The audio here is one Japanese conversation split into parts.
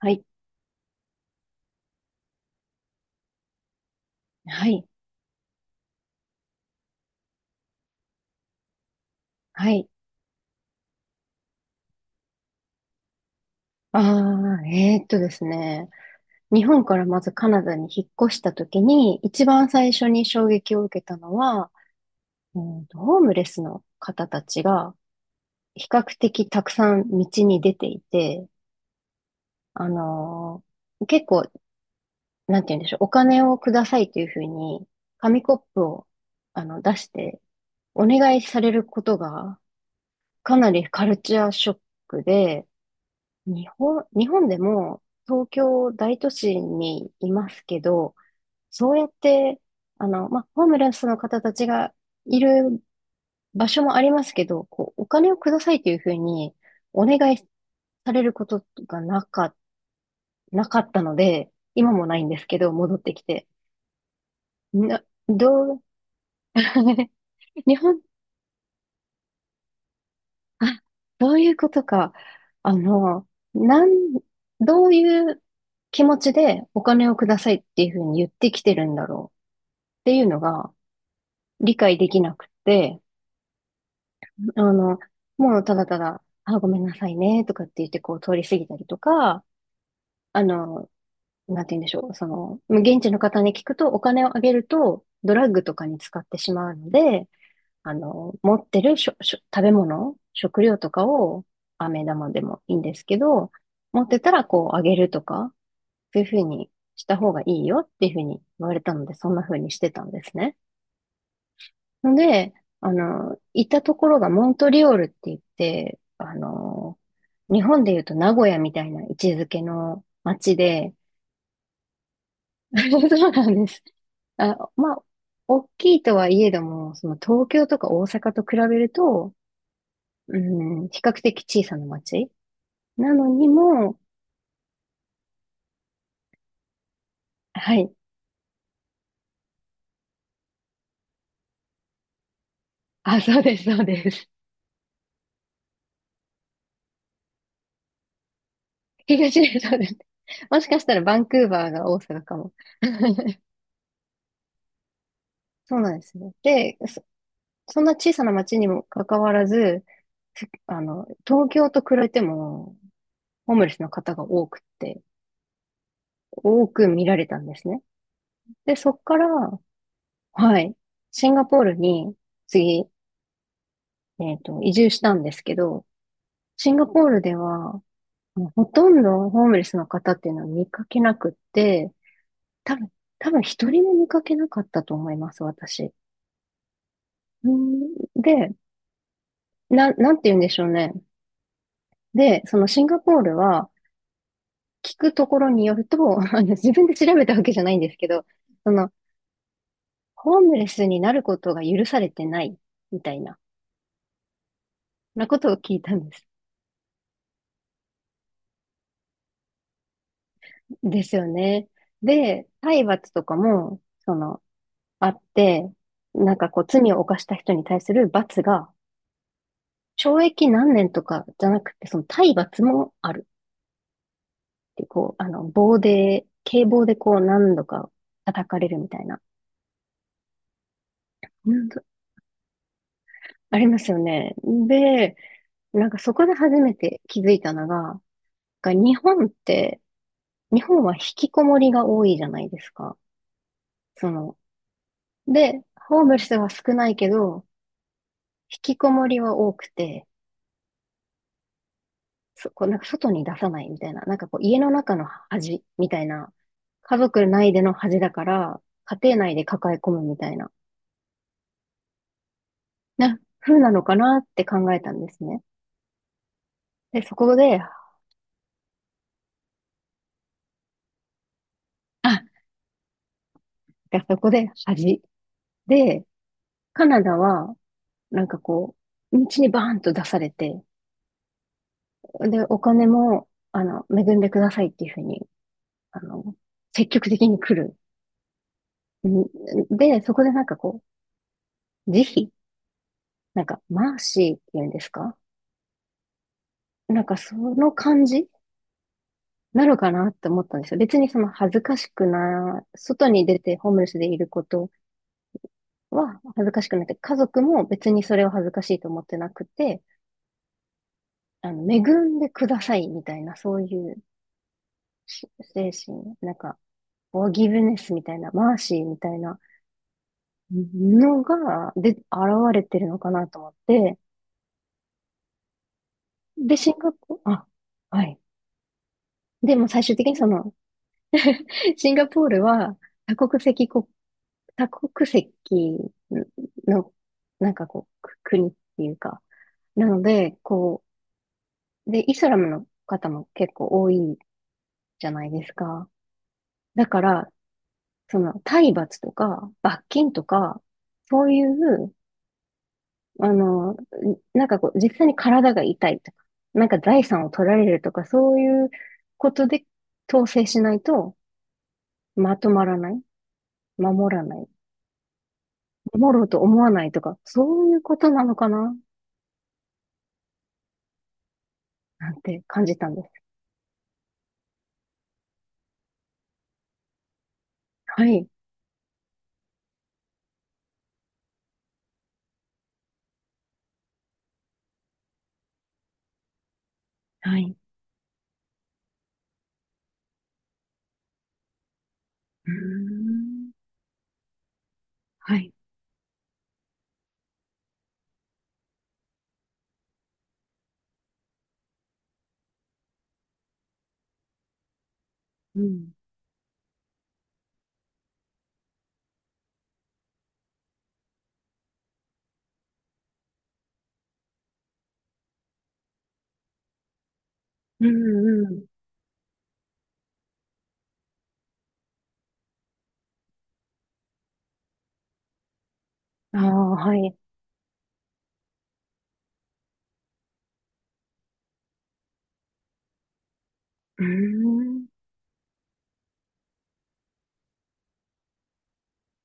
はい、はい、はい。ああ。ですね。日本からまずカナダに引っ越した時に、一番最初に衝撃を受けたのは、ホームレスの方たちが比較的たくさん道に出ていて、あの結構、なんて言うんでしょう、お金をくださいというふうに、紙コップを出して、お願いされることがかなりカルチャーショックで、日本でも東京大都市にいますけど、そうやって、まあ、ホームレスの方たちがいる場所もありますけど、こう、お金をくださいというふうにお願いされることがなかったので、今もないんですけど、戻ってきて。な、どう、日本あ、そういうことか。あの、なん、どういう気持ちでお金をくださいっていうふうに言ってきてるんだろうっていうのが理解できなくて、あの、もうただただ、あ、ごめんなさいねとかって言ってこう通り過ぎたりとか、あの、なんて言うんでしょう、その、現地の方に聞くとお金をあげるとドラッグとかに使ってしまうので、持ってるしょ、しょ、食べ物、食料とかを、飴玉でもいいんですけど、持ってたらこうあげるとか、そういうふうにした方がいいよっていうふうに言われたので、そんなふうにしてたんですね。ので、行ったところがモントリオールって言って、日本で言うと名古屋みたいな位置づけの街で、そうなんです。あ、まあ、大きいとはいえども、その東京とか大阪と比べると、うん、比較的小さな町なのにも、はい。あ、そうです、そうです。東で、そうです。もしかしたらバンクーバーが大阪かも。そうなんですね。で、そんな小さな町にもかかわらず、ふあの、東京と比べても、ホームレスの方が多くて、多く見られたんですね。で、そっから、はい、シンガポールに次、移住したんですけど、シンガポールでは、もうほとんどホームレスの方っていうのは見かけなくって、多分、多分一人も見かけなかったと思います、私。うん。で、なんて言うんでしょうね。で、そのシンガポールは聞くところによると、自分で調べたわけじゃないんですけど、その、ホームレスになることが許されてないみたいな、なことを聞いたんです。ですよね。で、体罰とかも、その、あって、なんかこう、罪を犯した人に対する罰が懲役何年とかじゃなくて、その体罰もあるっていう、こう、棒で、警棒でこう何度か叩かれるみたいな、うん。ありますよね。で、なんかそこで初めて気づいたのが、日本って、日本は引きこもりが多いじゃないですか。その、で、ホームレスは少ないけど、引きこもりは多くて、そこうなんか外に出さないみたいな、なんかこう家の中の恥みたいな、家族内での恥だから、家庭内で抱え込むみたいな、風なのかなって考えたんですね。で、そこで、あ、そこで恥。で、カナダは、なんかこう、道にバーンと出されて、で、お金も、恵んでくださいっていうふうに、あの、積極的に来る。んで、そこでなんかこう、慈悲なんか、マーシーっていうんですかなんかその感じなのかなって思ったんですよ。別にその恥ずかしくな、外に出てホームレスでいることは恥ずかしくなくて、家族も別にそれを恥ずかしいと思ってなくて、恵んでくださいみたいな、そういうし精神、なんか、フォーギブネスみたいな、マーシーみたいなのが、で、現れてるのかなと思って、で、シンガポール、あ、はい。でも最終的にその、シンガポールは多国籍国多国籍の、なんかこう、く国っていうか、なので、こう、で、イスラムの方も結構多いじゃないですか。だから、その、体罰とか、罰金とか、そういう、あの、なんかこう、実際に体が痛いとか、なんか財産を取られるとか、そういうことで統制しないと、まとまらない、守らない、守ろうと思わないとか、そういうことなのかななんて感じたんです。はい。はい。うーん。はい。うん。うん、うん。ああ、はい。うーん。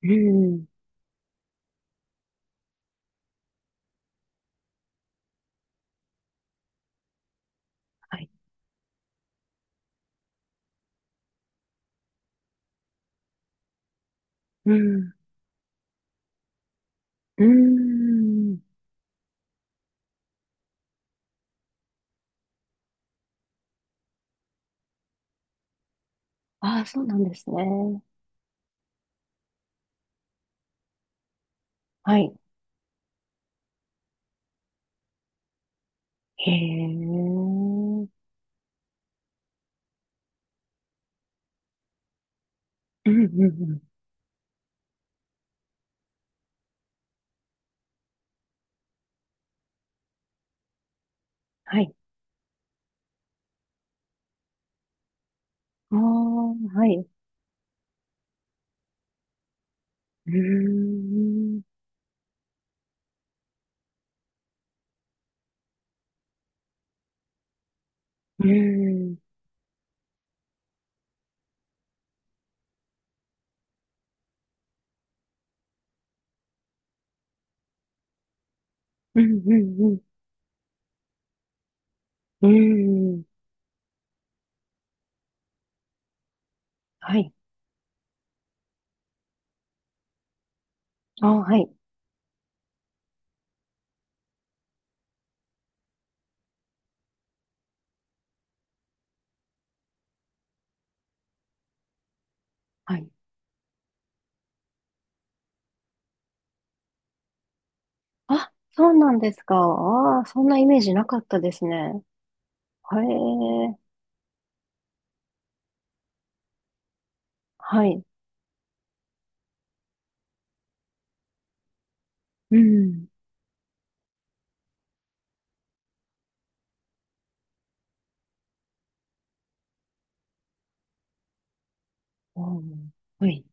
うん。はい。うん。うーん。ああ、そうなんですね。はい。へえ。うん、うん、うん。はい。ああ、はい。うーん。うーん。うん、うん、うん。うーん。はい。ああ、はい。はい。あ、そうなんですか。ああ、そんなイメージなかったですね。へえ。はい。うん。おーはい。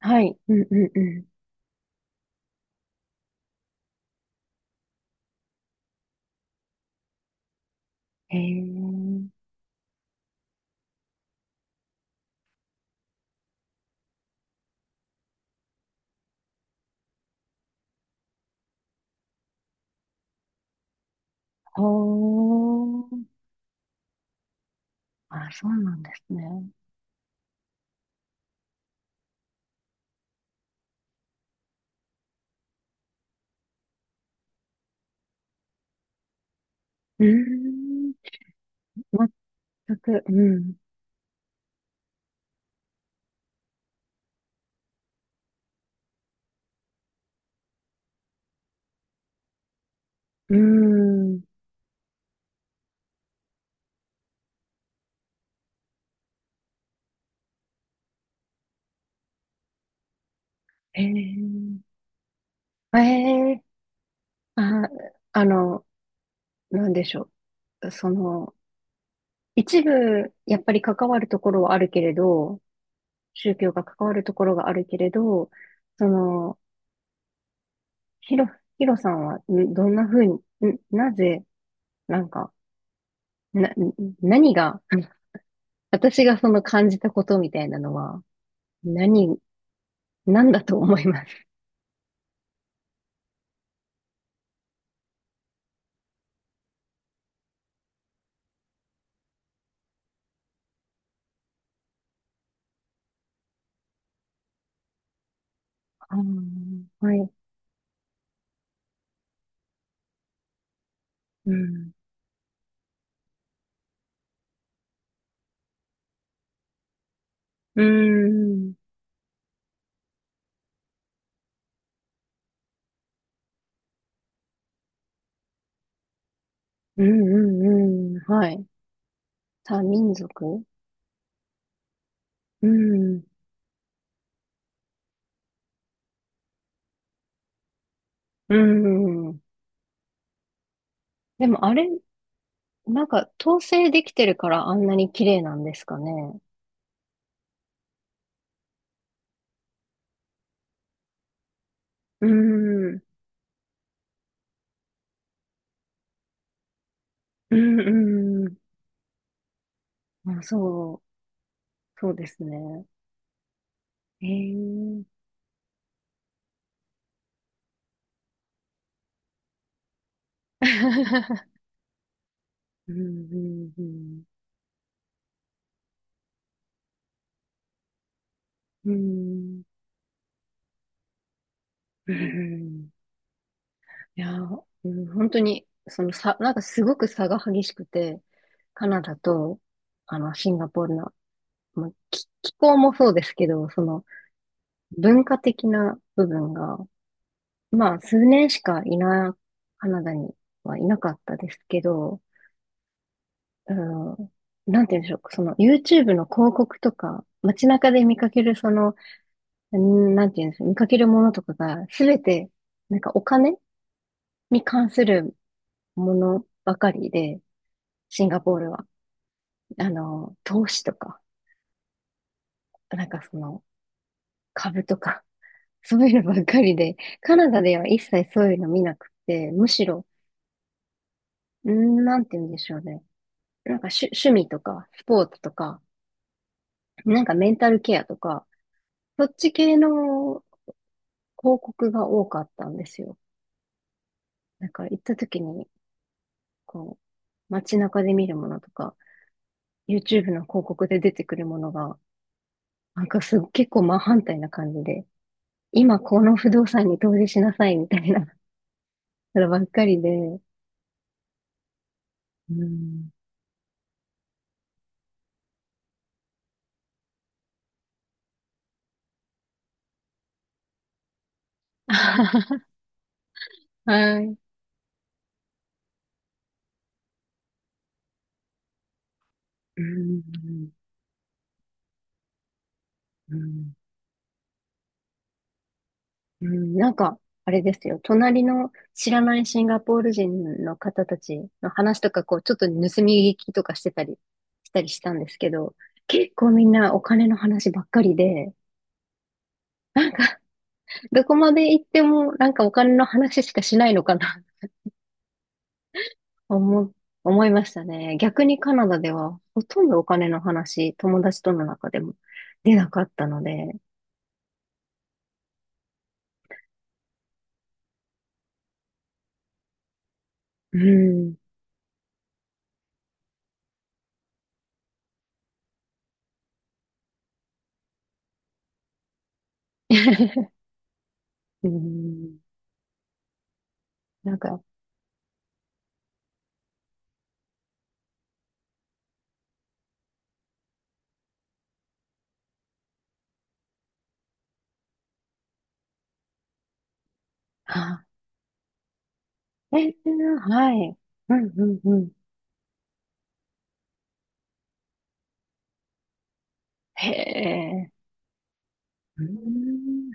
はい。うんうんうん。へえ。ほー。あ、そうなんですね。うーん。全く、うん。うーん。へえ。ええ。あ、あの、なんでしょう。その、一部、やっぱり関わるところはあるけれど、宗教が関わるところがあるけれど、その、ヒロ、ヒロさんは、んどんなふうに、んなぜ、なんか、な、何が、私がその感じたことみたいなのは、何、なんだと思います。ああはい。うん。うん。うんうんうん。はい。多民族うん。うん。でもあれ、なんか統制できてるからあんなに綺麗なんですかね。うん。うんうん。あ、そう。そうですね。へえ。うんうんうん。うん。うん。いやー、うん本当に、その差、なんかすごく差が激しくて、カナダと、シンガポールの、まあ、気候もそうですけど、その、文化的な部分が、まあ、数年しかいな、カナダにはいなかったですけど、うん、なんて言うんでしょう、その、YouTube の広告とか、街中で見かける、その、うんなんて言うんでしょう、見かけるものとかが、すべて、なんかお金に関するものばかりで、シンガポールは、投資とか、なんか株とか、そういうのばっかりで、カナダでは一切そういうの見なくて、むしろ、んなんて言うんでしょうね。なんか趣味とか、スポーツとか、なんかメンタルケアとか、そっち系の広告が多かったんですよ。なんか行った時に、こう、街中で見るものとか、YouTube の広告で出てくるものが、なんか結構真反対な感じで、今この不動産に投資しなさいみたいな のばっかりで。うん。はい。うん。うん。うん、なんか、あれですよ。隣の知らないシンガポール人の方たちの話とか、こう、ちょっと盗み聞きとかしてたり、したりしたんですけど、結構みんなお金の話ばっかりで、どこまで行ってもなんかお金の話しかしないのかな思、思いましたね。逆にカナダではほとんどお金の話、友達との中でも出なかったので、うん。うん。なんか、あ、はい。うん、うん、うん。へえ。うん